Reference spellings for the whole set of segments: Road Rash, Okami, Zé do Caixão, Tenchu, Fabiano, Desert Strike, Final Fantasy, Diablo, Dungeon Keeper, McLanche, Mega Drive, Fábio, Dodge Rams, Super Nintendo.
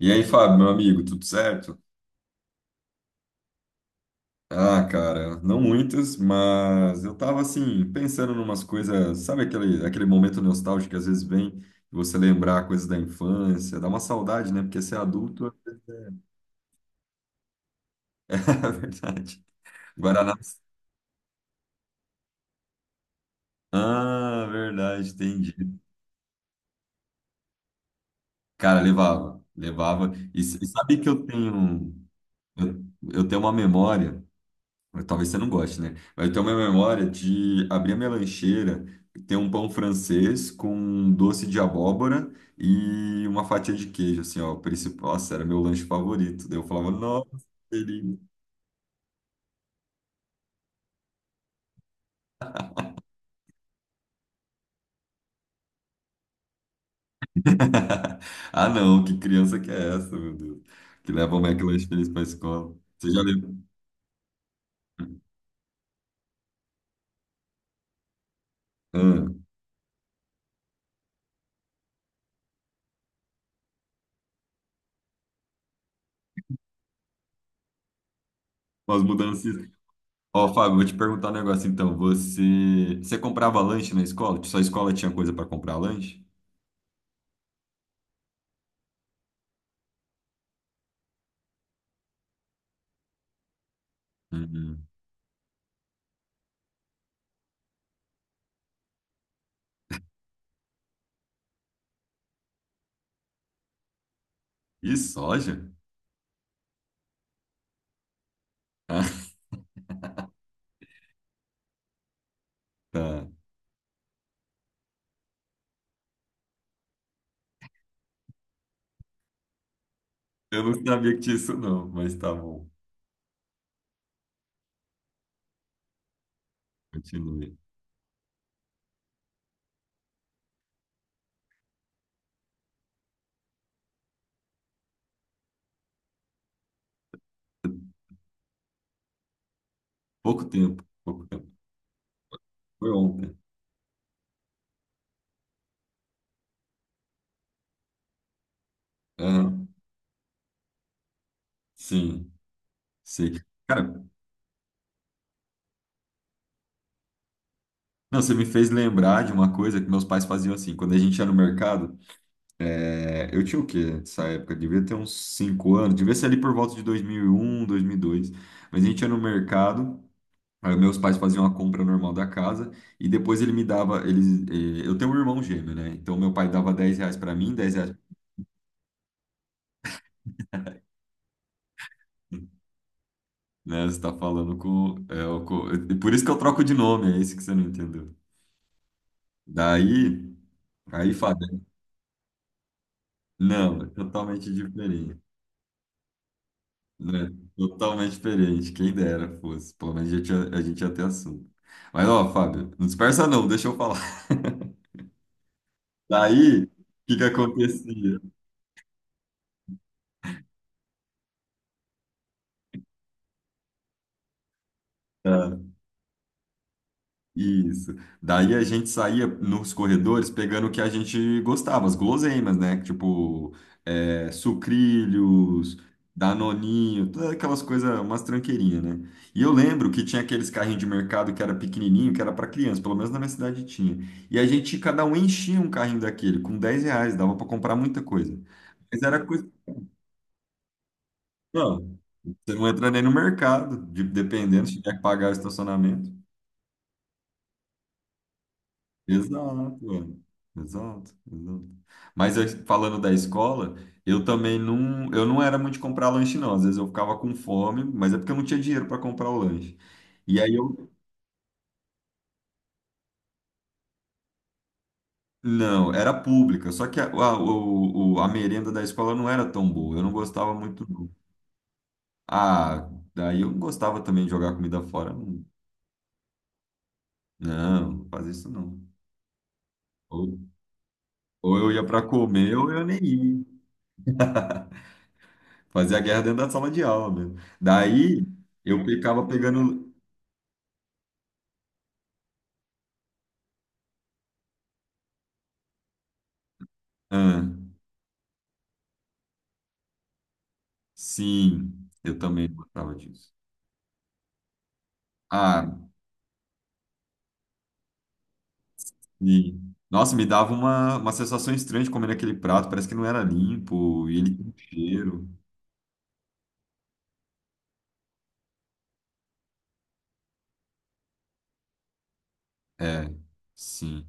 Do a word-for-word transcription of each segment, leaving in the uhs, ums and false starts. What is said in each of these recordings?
E aí, Fábio, meu amigo, tudo certo? Ah, cara, não muitas, mas eu tava assim, pensando numas coisas, sabe aquele, aquele momento nostálgico que às vezes vem e você lembrar coisas da infância, dá uma saudade, né? Porque ser adulto é verdade. Guaraná. Ah, verdade, entendi. Cara, levava, levava. E, s- e sabe que eu tenho, eu, eu tenho uma memória. Talvez você não goste, né? Mas eu tenho uma memória de abrir a minha lancheira, ter um pão francês com doce de abóbora e uma fatia de queijo, assim, ó. O principal, nossa, era meu lanche favorito. Daí eu falava, nossa, que delícia. Ah, não, que criança que é essa, meu Deus? Que leva o McLanche feliz pra escola. Você já lembra? Ah, umas mudanças. Ó, Fábio, vou te perguntar um negócio então. Você, você comprava lanche na escola? Sua escola tinha coisa para comprar lanche? Uhum. E soja? Ah, tá. Eu não sabia que tinha isso, não, mas tá bom. Continue. Pouco tempo, pouco tempo. Foi ontem. Aham. Sim, sei. Cara, não, você me fez lembrar de uma coisa que meus pais faziam assim. Quando a gente ia no mercado, é, eu tinha o quê nessa época? Devia ter uns cinco anos, devia ser ali por volta de dois mil e um, dois mil e dois. Mas a gente ia no mercado, aí meus pais faziam a compra normal da casa e depois ele me dava. Eles, eh, eu tenho um irmão gêmeo, né? Então meu pai dava dez reais pra mim, dez reais. Né? Você tá falando com, é, o co- e Por isso que eu troco de nome, é isso que você não entendeu. Daí, aí Fabiano. Não, é totalmente diferente. Né? Totalmente diferente. Quem dera fosse. Pelo menos a gente ia, a gente ia ter assunto. Mas, ó, Fábio, não dispersa não, deixa eu falar. Daí, o que que acontecia? Ah, isso. Daí a gente saía nos corredores pegando o que a gente gostava, as guloseimas, né? Tipo, é, sucrilhos, danoninho, todas aquelas coisas, umas tranqueirinhas, né? E eu lembro que tinha aqueles carrinhos de mercado que era pequenininho, que era para criança, pelo menos na minha cidade tinha. E a gente, cada um enchia um carrinho daquele, com dez reais, dava para comprar muita coisa. Mas era coisa. Não, você não entra nem no mercado, de- dependendo, se tiver que pagar o estacionamento. Exato, é, exato, exato. Mas eu- falando da escola, eu também não, eu não era muito de comprar lanche, não. Às vezes eu ficava com fome, mas é porque eu não tinha dinheiro para comprar o lanche. E aí eu, não, era pública, só que a, a, o, o- a merenda da escola não era tão boa, eu não gostava muito, não. Ah, daí eu não gostava também de jogar comida fora, não. Não, não fazia isso não. Ou, ou eu ia para comer ou eu nem ia. Fazia a guerra dentro da sala de aula mesmo. Daí eu ficava pegando. Ah, sim, eu também gostava disso. Ah, e nossa, me dava uma, uma, sensação estranha de comer aquele prato, parece que não era limpo e ele tinha um cheiro. É, sim,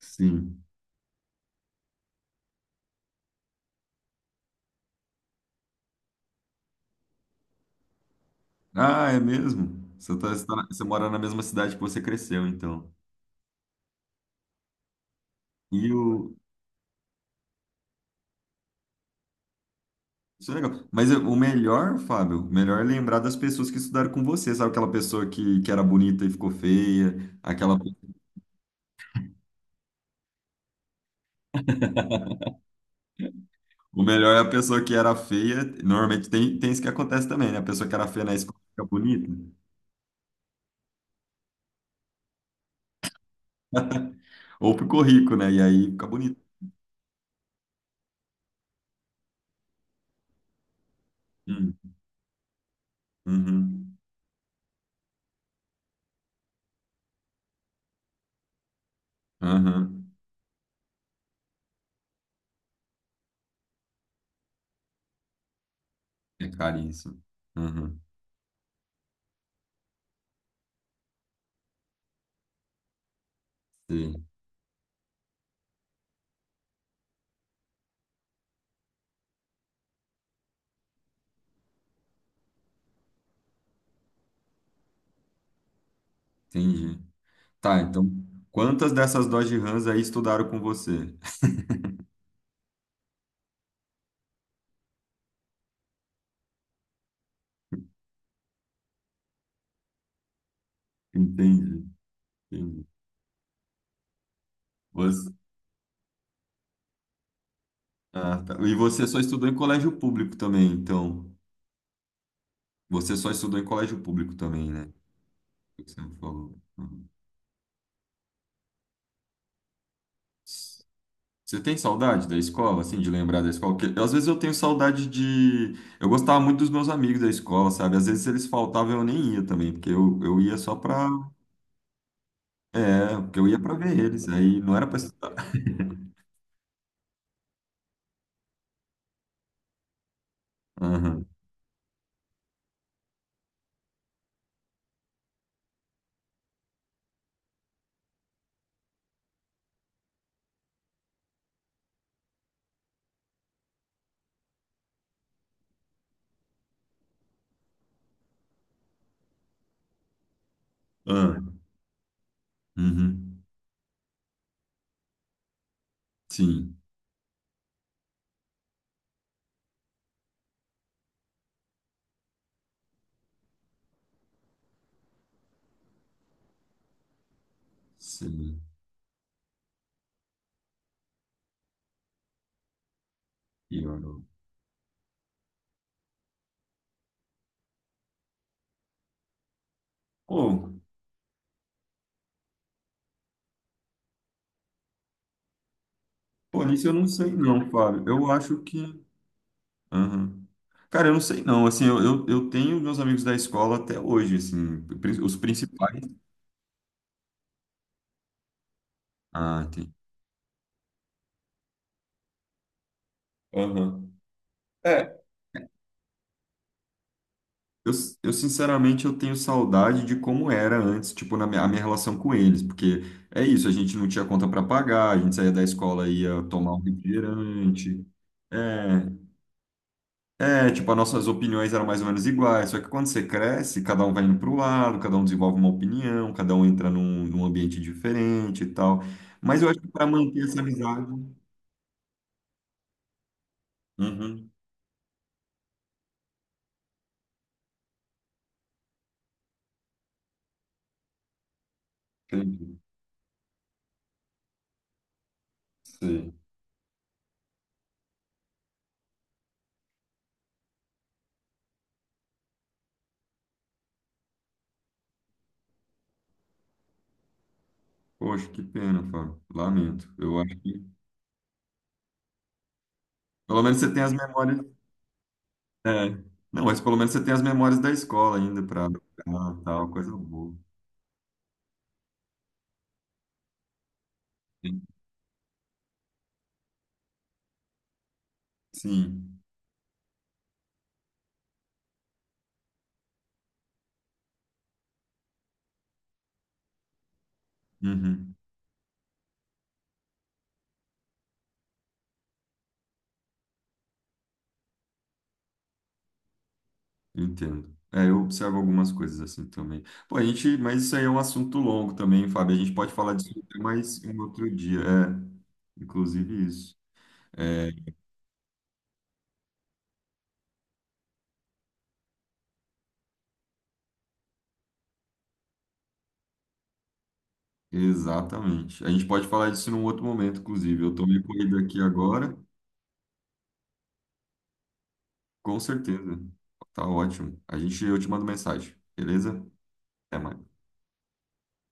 sim. Ah, é mesmo? Você, tá, você, tá na- você mora na mesma cidade que você cresceu, então. E o. Isso é legal. Mas eu- o melhor, Fábio, o melhor é lembrar das pessoas que estudaram com você, sabe? Aquela pessoa que, que era bonita e ficou feia, aquela. O melhor é a pessoa que era feia. Normalmente tem, tem isso que acontece também, né? A pessoa que era feia na escola fica bonita. Ou ficou rico, né? E aí fica bonito. Hum. Uhum. Aham. É caríssimo. Uhum. Sim, entendi. Tá, então, quantas dessas Dodge Rams aí estudaram com você? Entendi, entendi. Você, ah, tá. E você só estudou em colégio público também, então. Você só estudou em colégio público também, né? O que você me falou. Uhum. Você tem saudade da escola, assim, de lembrar da escola? Porque às vezes eu tenho saudade de. Eu gostava muito dos meus amigos da escola, sabe? Às vezes eles faltavam e eu nem ia também, porque eu, eu ia só pra. É, porque eu ia pra ver eles, aí não era pra estudar. Aham. Ah, uhum. Sim, sim. Eu. Pô, pô, isso eu não sei não, Fábio. Eu acho que. Aham. Cara, eu não sei não. Assim, eu, eu, eu tenho meus amigos da escola até hoje, assim, pri- os principais. Ah, tem. Aham. É, Eu, eu, sinceramente eu tenho saudade de como era antes, tipo, na minha, a minha relação com eles, porque é isso, a gente não tinha conta para pagar, a gente saía da escola ia tomar um refrigerante. É, é, tipo, as nossas opiniões eram mais ou menos iguais, só que quando você cresce, cada um vai indo para o lado, cada um desenvolve uma opinião, cada um entra num, num ambiente diferente e tal. Mas eu acho que para manter essa amizade. Uhum, entendi. Sei. Poxa, que pena, Fábio. Lamento. Eu acho que. Pelo menos você tem as memórias. É. Não, mas pelo menos você tem as memórias da escola ainda para tal, coisa boa. Sim. Sim. Uhum. Entendo. É, eu observo algumas coisas assim também. Pô, a gente, mas isso aí é um assunto longo também, Fábio. A gente pode falar disso até mais um outro dia. É, inclusive isso. É, exatamente. A gente pode falar disso num outro momento, inclusive. Eu tô meio corrido aqui agora, com certeza. Tá ótimo. A gente, eu te mando mensagem, beleza? Até mais.